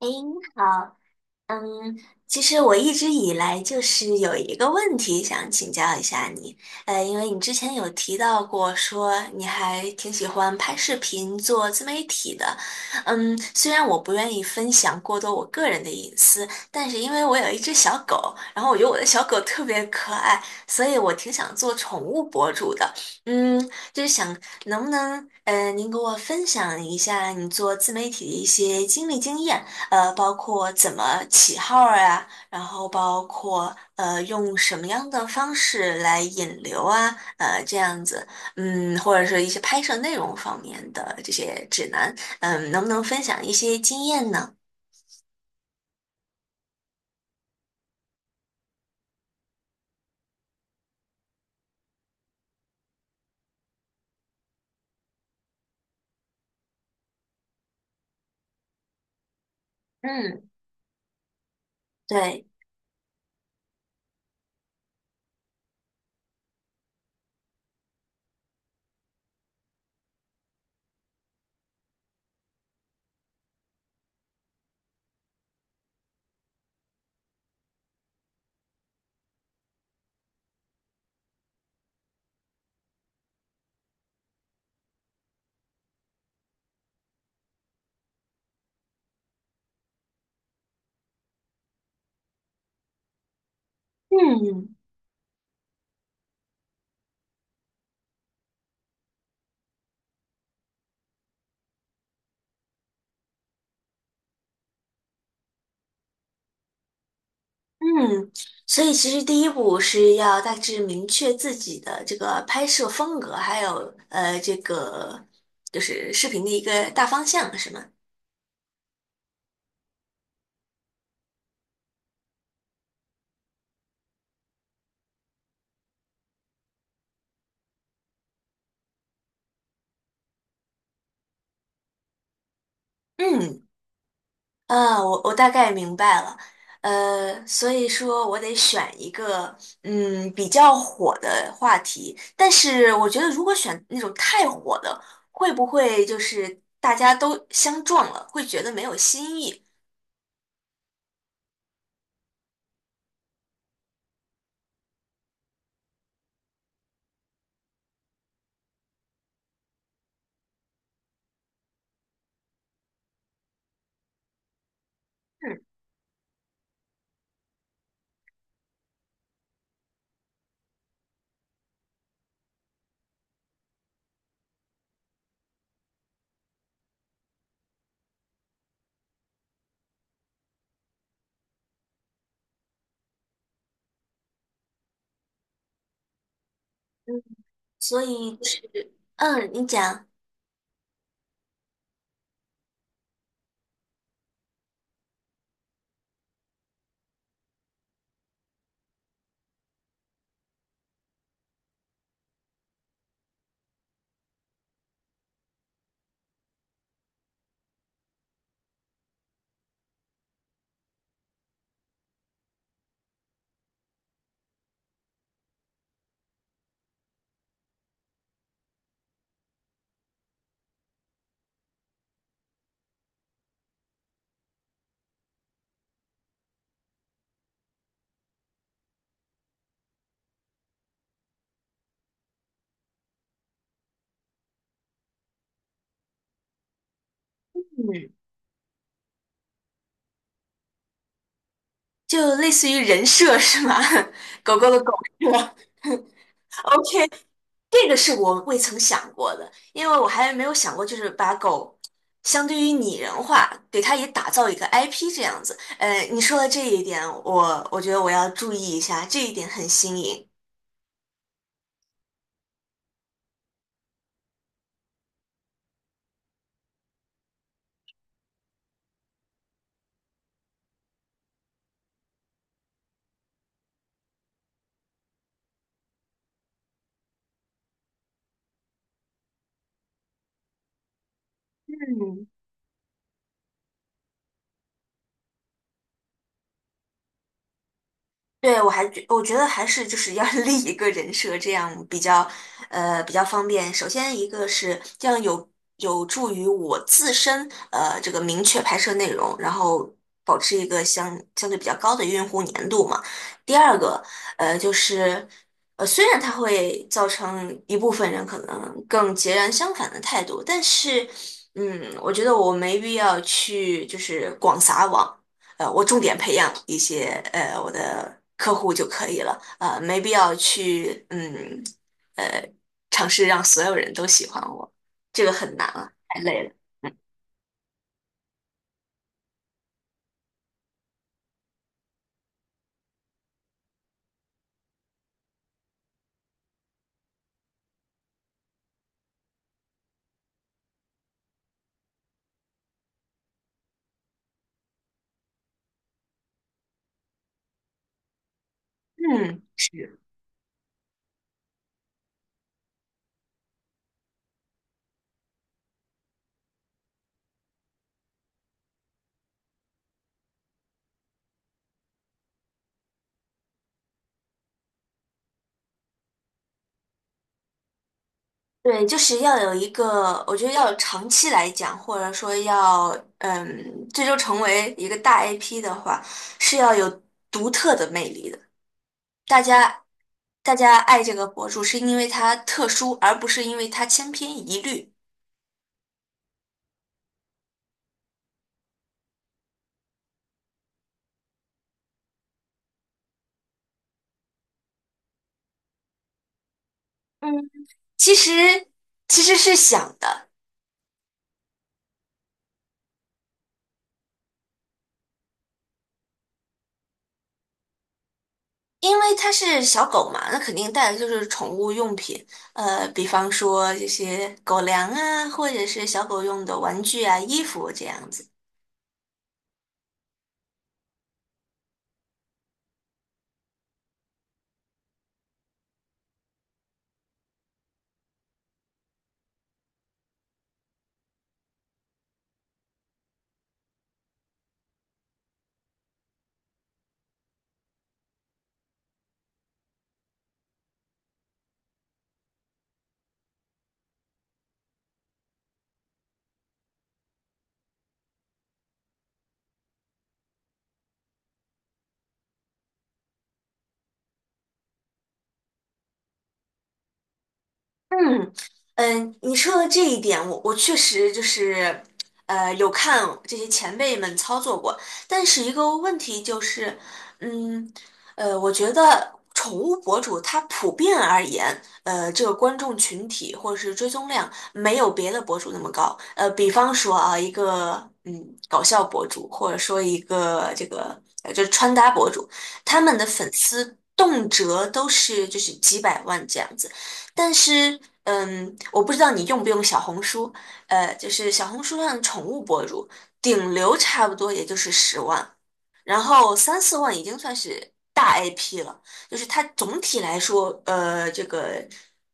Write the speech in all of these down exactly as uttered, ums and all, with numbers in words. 您好。嗯，其实我一直以来就是有一个问题想请教一下你，呃，因为你之前有提到过说你还挺喜欢拍视频做自媒体的。嗯，虽然我不愿意分享过多我个人的隐私，但是因为我有一只小狗，然后我觉得我的小狗特别可爱，所以我挺想做宠物博主的。嗯，就是想能不能，呃，您给我分享一下你做自媒体的一些经历经验。呃，包括怎么起号儿啊，然后包括呃用什么样的方式来引流啊，呃这样子。嗯，或者是一些拍摄内容方面的这些指南。嗯，能不能分享一些经验呢？嗯，对，嗯嗯。所以其实第一步是要大致明确自己的这个拍摄风格，还有呃这个就是视频的一个大方向，是吗？嗯。嗯，我我大概明白了。呃，所以说我得选一个嗯比较火的话题，但是我觉得如果选那种太火的，会不会就是大家都相撞了，会觉得没有新意？嗯，所以就是，嗯，你讲。嗯，就类似于人设是吗？狗狗的狗设，OK，这个是我未曾想过的，因为我还没有想过，就是把狗相对于拟人化，给它也打造一个 I P 这样子。呃，你说的这一点，我我觉得我要注意一下，这一点很新颖。嗯。对，我还觉我觉得还是就是要 立一个人设，这样比较呃比较方便。首先一个是这样有有助于我自身呃这个明确拍摄内容，然后保持一个相相对比较高的用户粘度嘛。第二个呃就是呃虽然它会造成一部分人可能更截然相反的态度，但是嗯我觉得我没必要去就是广撒网。呃，我重点培养一些呃我的客户就可以了。呃，没必要去嗯呃尝试让所有人都喜欢我，这个很难啊，太累了。嗯，是。对，就是要有一个，我觉得要有长期来讲，或者说要，嗯，最终成为一个大 I P 的话，是要有独特的魅力的。大家，大家爱这个博主是因为他特殊，而不是因为他千篇一律。嗯。其实其实是想的，因为它是小狗嘛，那肯定带的就是宠物用品，呃，比方说这些狗粮啊，或者是小狗用的玩具啊、衣服这样子。嗯嗯，你说的这一点，我我确实就是，呃，有看这些前辈们操作过，但是一个问题就是，嗯，呃，我觉得宠物博主他普遍而言，呃，这个观众群体或者是追踪量没有别的博主那么高。呃，比方说啊，一个嗯搞笑博主，或者说一个这个呃就是穿搭博主，他们的粉丝动辄都是就是几百万这样子。但是，嗯，我不知道你用不用小红书。呃，就是小红书上的宠物博主，顶流差不多也就是十万，然后三四万已经算是大 I P 了，就是它总体来说，呃，这个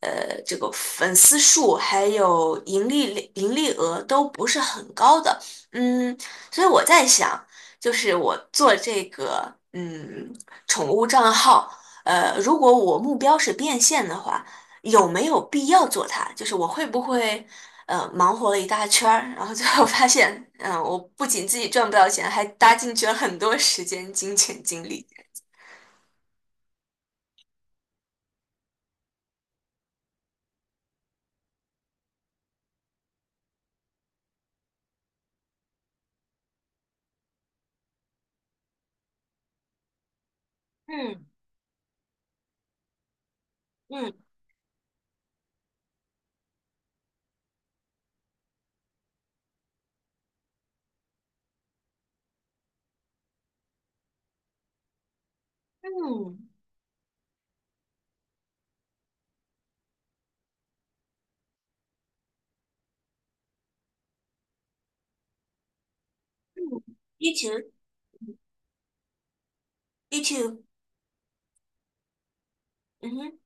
呃这个粉丝数还有盈利盈利额都不是很高的。嗯，所以我在想，就是我做这个嗯宠物账号，呃，如果我目标是变现的话，有没有必要做它？就是我会不会？呃，忙活了一大圈儿，然后最后发现，嗯、我不仅自己赚不到钱，还搭进去了很多时间、金钱、精力。嗯嗯嗯嗯 o u too me too。嗯哼。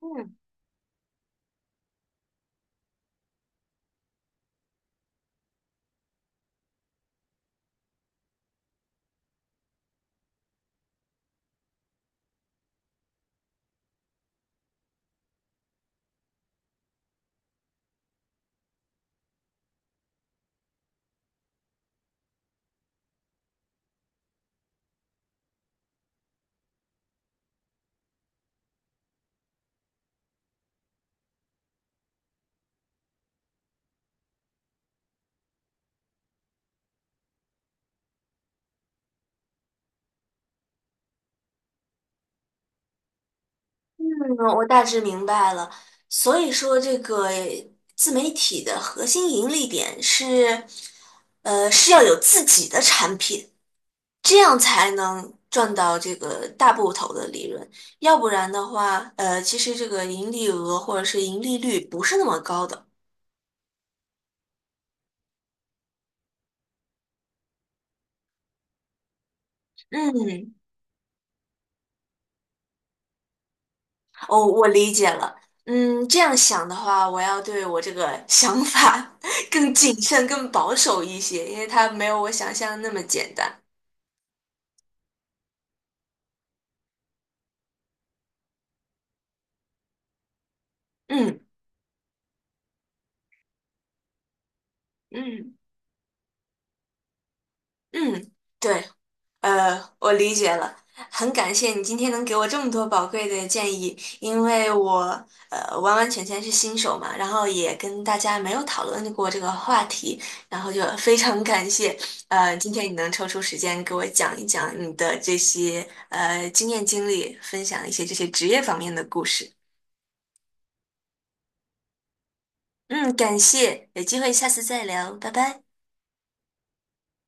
嗯嗯，我大致明白了。所以说，这个自媒体的核心盈利点是，呃，是要有自己的产品。这样才能赚到这个大部头的利润，要不然的话，呃，其实这个盈利额或者是盈利率不是那么高的。嗯，哦，我理解了。嗯，这样想的话，我要对我这个想法 更谨慎、更保守一些，因为它没有我想象的那么简单。嗯嗯嗯，对。呃，我理解了，很感谢你今天能给我这么多宝贵的建议，因为我呃完完全全是新手嘛，然后也跟大家没有讨论过这个话题，然后就 非常感谢呃今天你能抽出时间给我讲一讲你的这些呃经验经历，分享一些这些职业方面的故事。嗯，感谢，有机会下次再聊，拜拜。